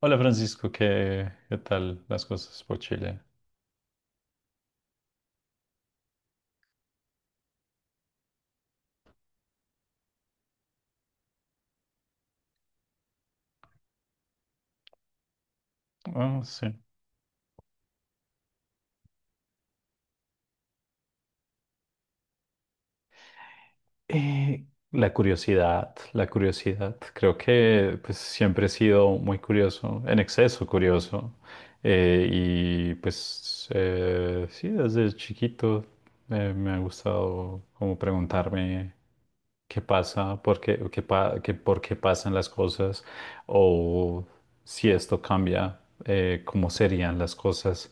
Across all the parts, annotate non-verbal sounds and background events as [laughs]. Hola Francisco, ¿qué tal las cosas por Chile? Ah, sí. Eh, la curiosidad, la curiosidad. Creo que pues siempre he sido muy curioso, en exceso curioso. Sí, desde chiquito me ha gustado como preguntarme. Qué pasa, por qué, por qué pasan las cosas o si esto cambia, cómo serían las cosas.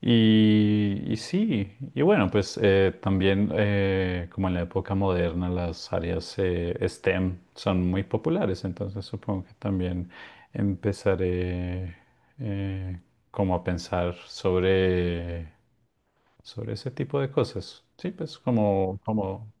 Y sí, y bueno, también como en la época moderna las áreas STEM son muy populares, entonces supongo que también empezaré eh, como a pensar sobre ese tipo de cosas. Sí, pues como.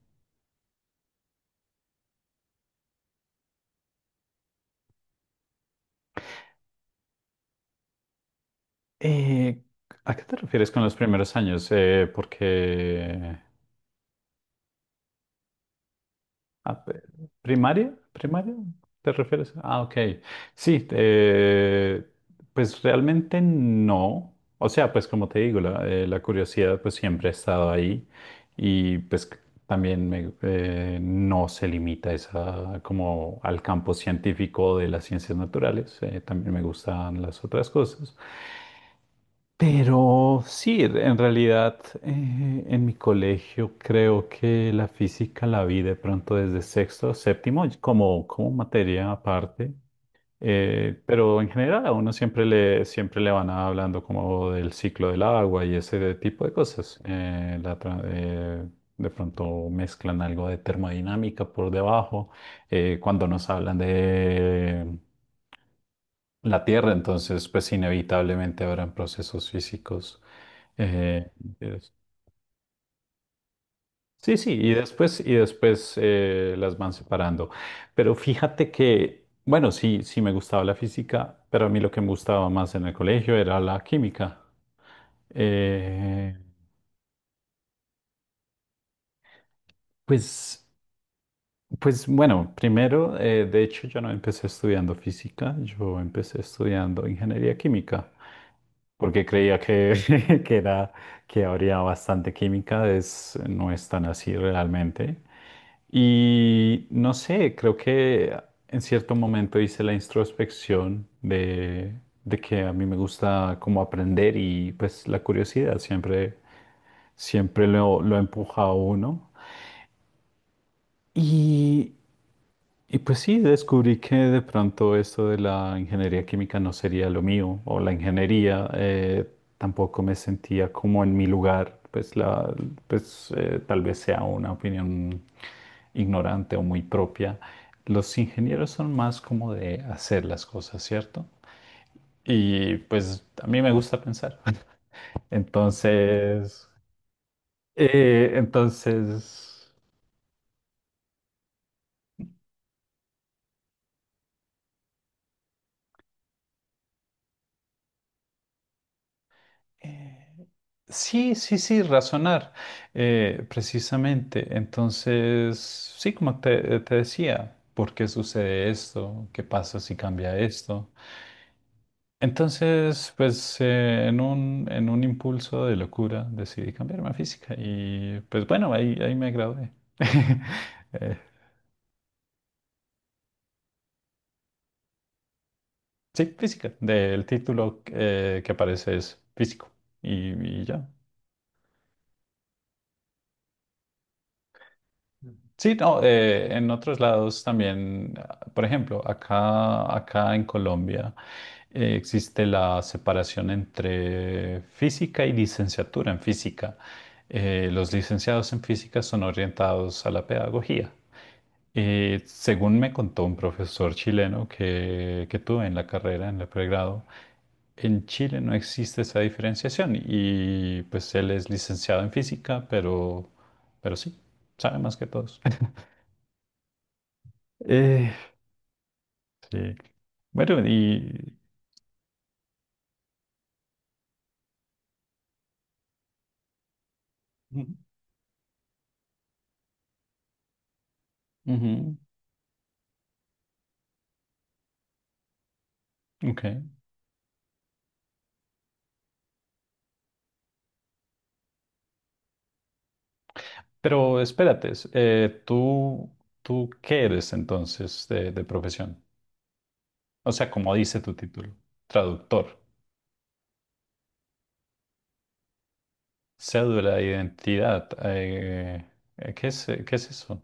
Eh, ¿A qué te refieres con los primeros años? Porque... ah, pe- ¿Primaria? ¿Primaria? ¿Te refieres? Ah, ok. Sí, pues realmente no. O sea, pues como te digo, la curiosidad pues siempre ha estado ahí y pues también no se limita esa, como al campo científico de las ciencias naturales. También me gustan las otras cosas. Pero sí, en realidad en mi colegio creo que la física la vi de pronto desde sexto, séptimo, como materia aparte. Pero en general a uno siempre le van hablando como del ciclo del agua y ese de tipo de cosas. De pronto mezclan algo de termodinámica por debajo. Eh, cuando nos hablan de la Tierra, entonces pues inevitablemente habrán procesos físicos. Eh, sí y después las van separando. Pero fíjate que, bueno, sí me gustaba la física, pero a mí lo que me gustaba más en el colegio era la química. Eh, pues. Pues bueno, primero, de hecho yo no empecé estudiando física, yo empecé estudiando ingeniería química, porque creía que, [laughs] que era, que habría bastante química, es, no es tan así realmente. Y no sé, creo que en cierto momento hice la introspección de que a mí me gusta como aprender y pues la curiosidad siempre, siempre lo empuja a uno. y pues sí, descubrí que de pronto esto de la ingeniería química no sería lo mío, o la ingeniería, tampoco me sentía como en mi lugar, pues tal vez sea una opinión ignorante o muy propia. Los ingenieros son más como de hacer las cosas, ¿cierto? Y pues a mí me gusta pensar. [laughs] Entonces, eh, entonces... Eh, sí, sí, sí, razonar, precisamente. Entonces, sí, como te decía, ¿por qué sucede esto? ¿Qué pasa si cambia esto? Entonces, en un impulso de locura decidí cambiarme a física y pues bueno, ahí me gradué. [laughs] Eh, sí, física, del título que aparece es físico y, y ya. Sí, no, en otros lados también, ah, por ejemplo, acá en Colombia existe la separación entre física y licenciatura en física. Los licenciados en física son orientados a la pedagogía. Según me contó un profesor chileno que tuve en la carrera, en el pregrado, en Chile no existe esa diferenciación y pues él es licenciado en física, pero sí, sabe más que todos. Eh, sí. Bueno, y... Ujú, ujú, ok. Pero espérate, ¿tú qué eres entonces de profesión? O sea, como dice tu título, traductor, cédula de identidad. ¿Qué es eso?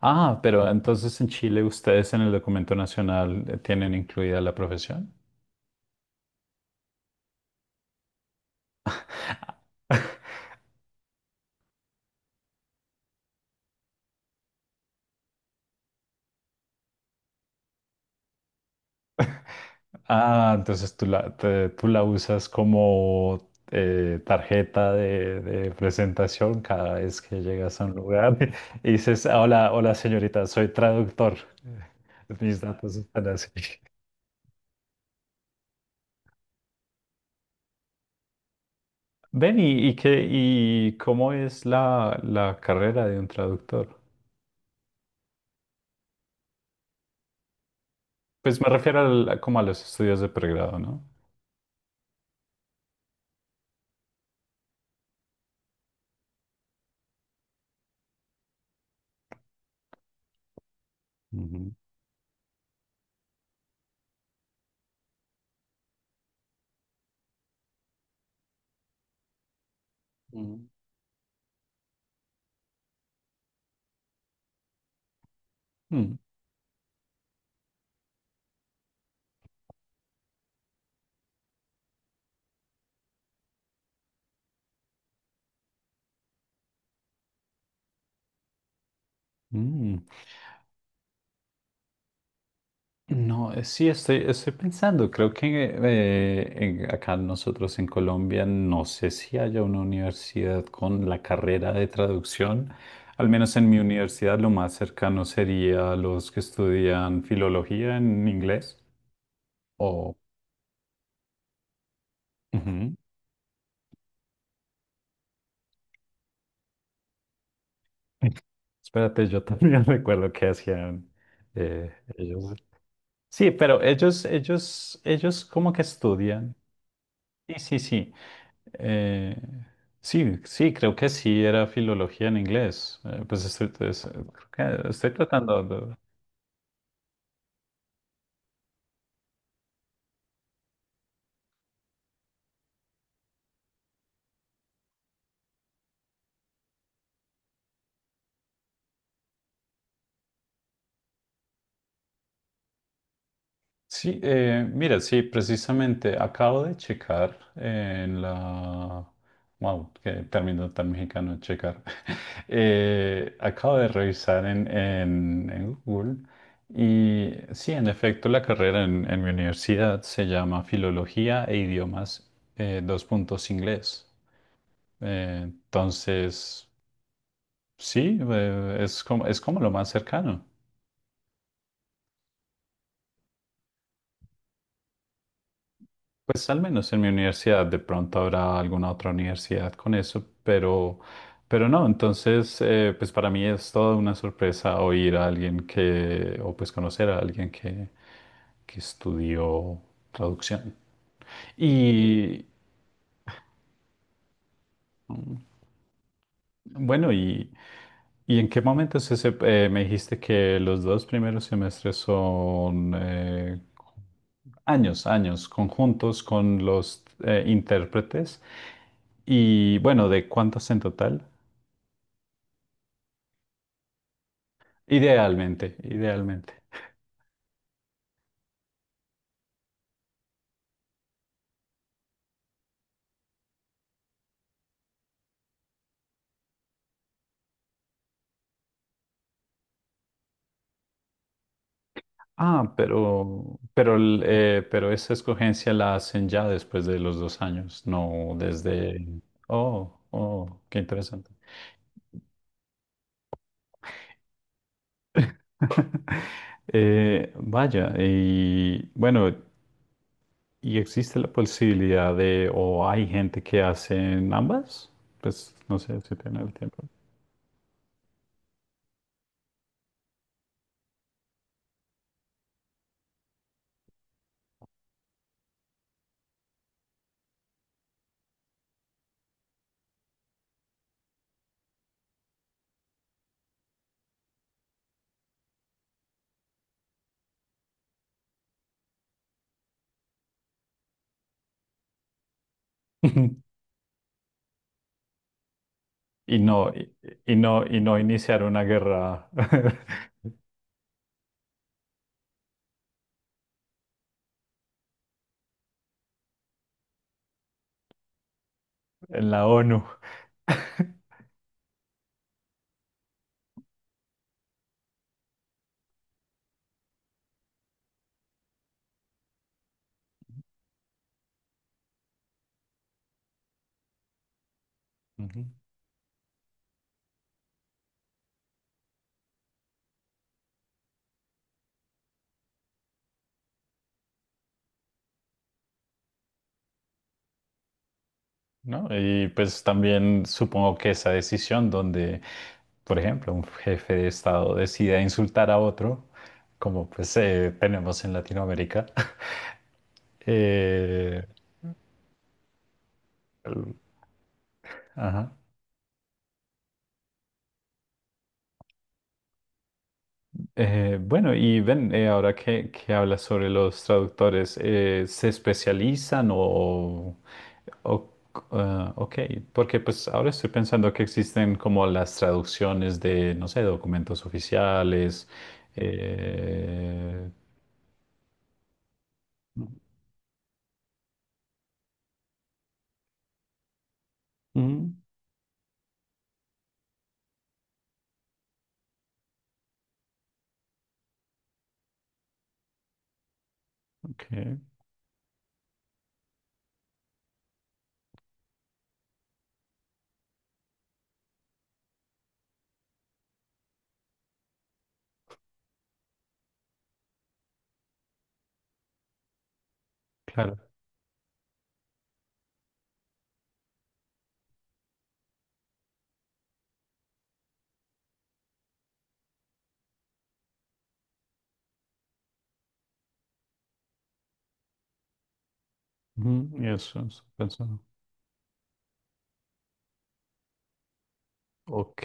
Ah, pero entonces en Chile ustedes en el documento nacional tienen incluida la profesión. Ah, entonces tú la usas como tarjeta de presentación cada vez que llegas a un lugar [laughs] y dices, "Ah, hola, hola señorita, soy traductor. [laughs] Mis datos están así. Ven, y cómo es la carrera de un traductor? Como a los estudios de pregrado, ¿no? Ujú. Mm. Mm, mm. No, sí, estoy pensando, creo que acá nosotros en Colombia no sé si haya una universidad con la carrera de traducción. Al menos en mi universidad lo más cercano sería los que estudian filología en inglés o... Ujú. [laughs] Espérate, yo también [laughs] recuerdo que hacían ellos. Sí, pero ellos como que estudian. Sí, sí, sí. Eh, sí, sí, creo que sí era filología en inglés. Creo que estoy tratando de... Sí, mira, sí, precisamente acabo de checar en la... Wow, qué término tan mexicano, checar. [laughs] Acabo de revisar en, en Google y sí, en efecto, la carrera en mi universidad se llama Filología e Idiomas dos puntos inglés. Entonces... Sí, es como lo más cercano. Pues al menos en mi universidad, de pronto habrá alguna otra universidad con eso, pero no, entonces, pues para mí es toda una sorpresa oír a alguien que, o pues conocer a alguien que estudió traducción. Y bueno, y ¿Y en qué me dijiste que los dos primeros semestres son años, años conjuntos con los intérpretes? Y bueno, ¿de cuántos en total? Idealmente, idealmente. Ah, pero esa escogencia la hacen ya después de los dos años, no desde... Oh, oh, qué interesante. [laughs] Vaya, y bueno, ¿y existe la posibilidad de, o hay gente que hacen ambas? Pues no sé si tienen el tiempo. [laughs] Y no, y, y no iniciar una guerra [laughs] en la ONU. Ujú. ¿No? Y pues también supongo que esa decisión donde, por ejemplo, un jefe de Estado decida insultar a otro, como pues tenemos en Latinoamérica, [laughs] eh, ajá. Bueno, y ven, ahora que hablas sobre los traductores, ¿se especializan o- ah, ok, porque pues ahora estoy pensando que existen como las traducciones de, no sé, documentos oficiales. Eh, mm, ok, claro. Ujú, y eso pensando. Ok.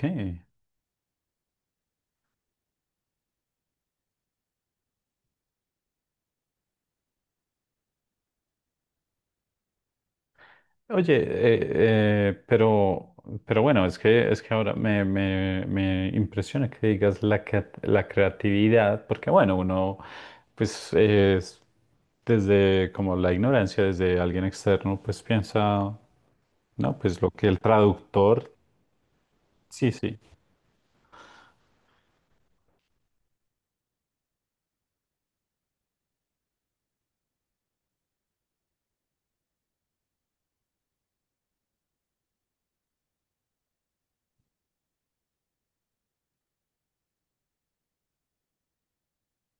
Oye, eh, eh, pero, pero bueno, es que ahora me impresiona que digas la creatividad, porque bueno, uno, pues es desde como la ignorancia, desde alguien externo, pues piensa, no, pues lo que el traductor, sí, sí.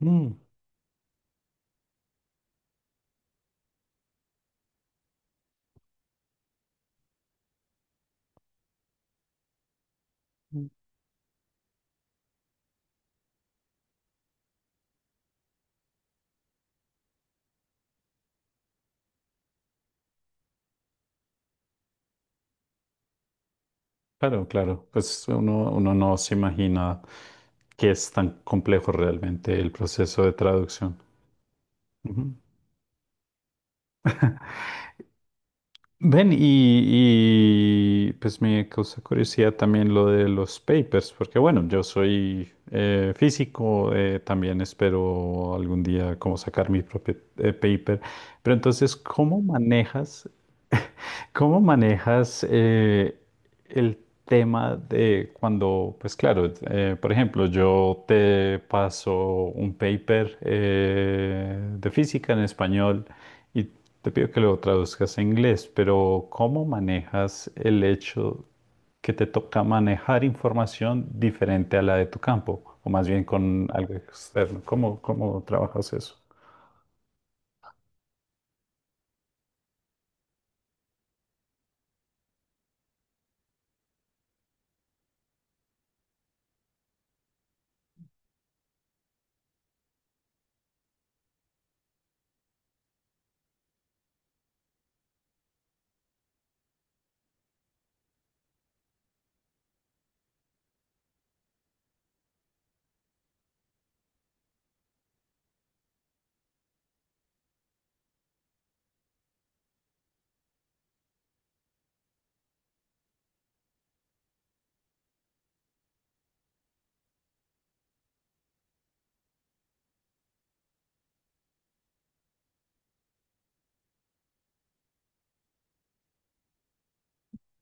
Mm, mm, claro, claro, pues uno, uno no se imagina que es tan complejo realmente el proceso de traducción. Ujú. [laughs] Ven, pues me causa curiosidad también lo de los papers, porque bueno, yo soy físico, también espero algún día como sacar mi propio paper, pero entonces, [laughs] cómo manejas el tema de cuando, pues claro, por ejemplo, yo te paso un paper de física en español. Y te pido que lo traduzcas a inglés, pero ¿cómo manejas el hecho que te toca manejar información diferente a la de tu campo? O más bien con algo externo. Cómo trabajas eso?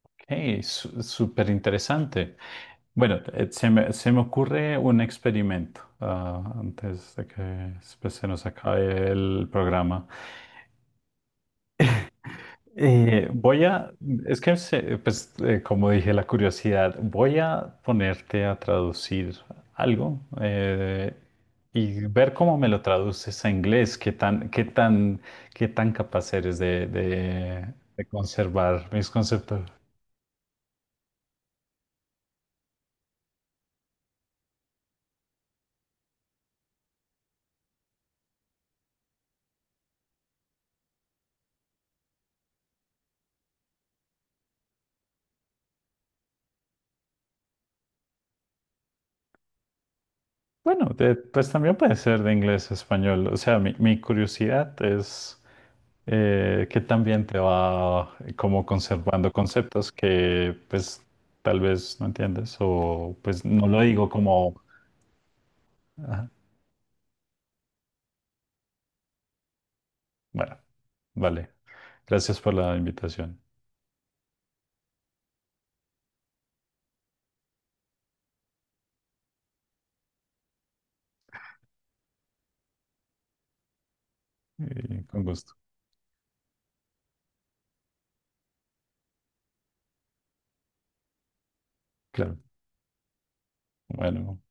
Ok, súper interesante. Bueno, se me ocurre un experimento ah, antes de que pues, se nos acabe el programa. Voy a, es que se- Pues como dije, la curiosidad, voy a ponerte a traducir algo y ver cómo me lo traduces a inglés, qué tan capaz eres de, de conservar mis conceptos. Bueno, pues también puede ser de inglés a español, o sea, mi curiosidad es que también te va como conservando conceptos que pues tal vez no entiendes o pues no lo digo como, ajá, bueno, vale, gracias por la invitación, con gusto, claro, bueno.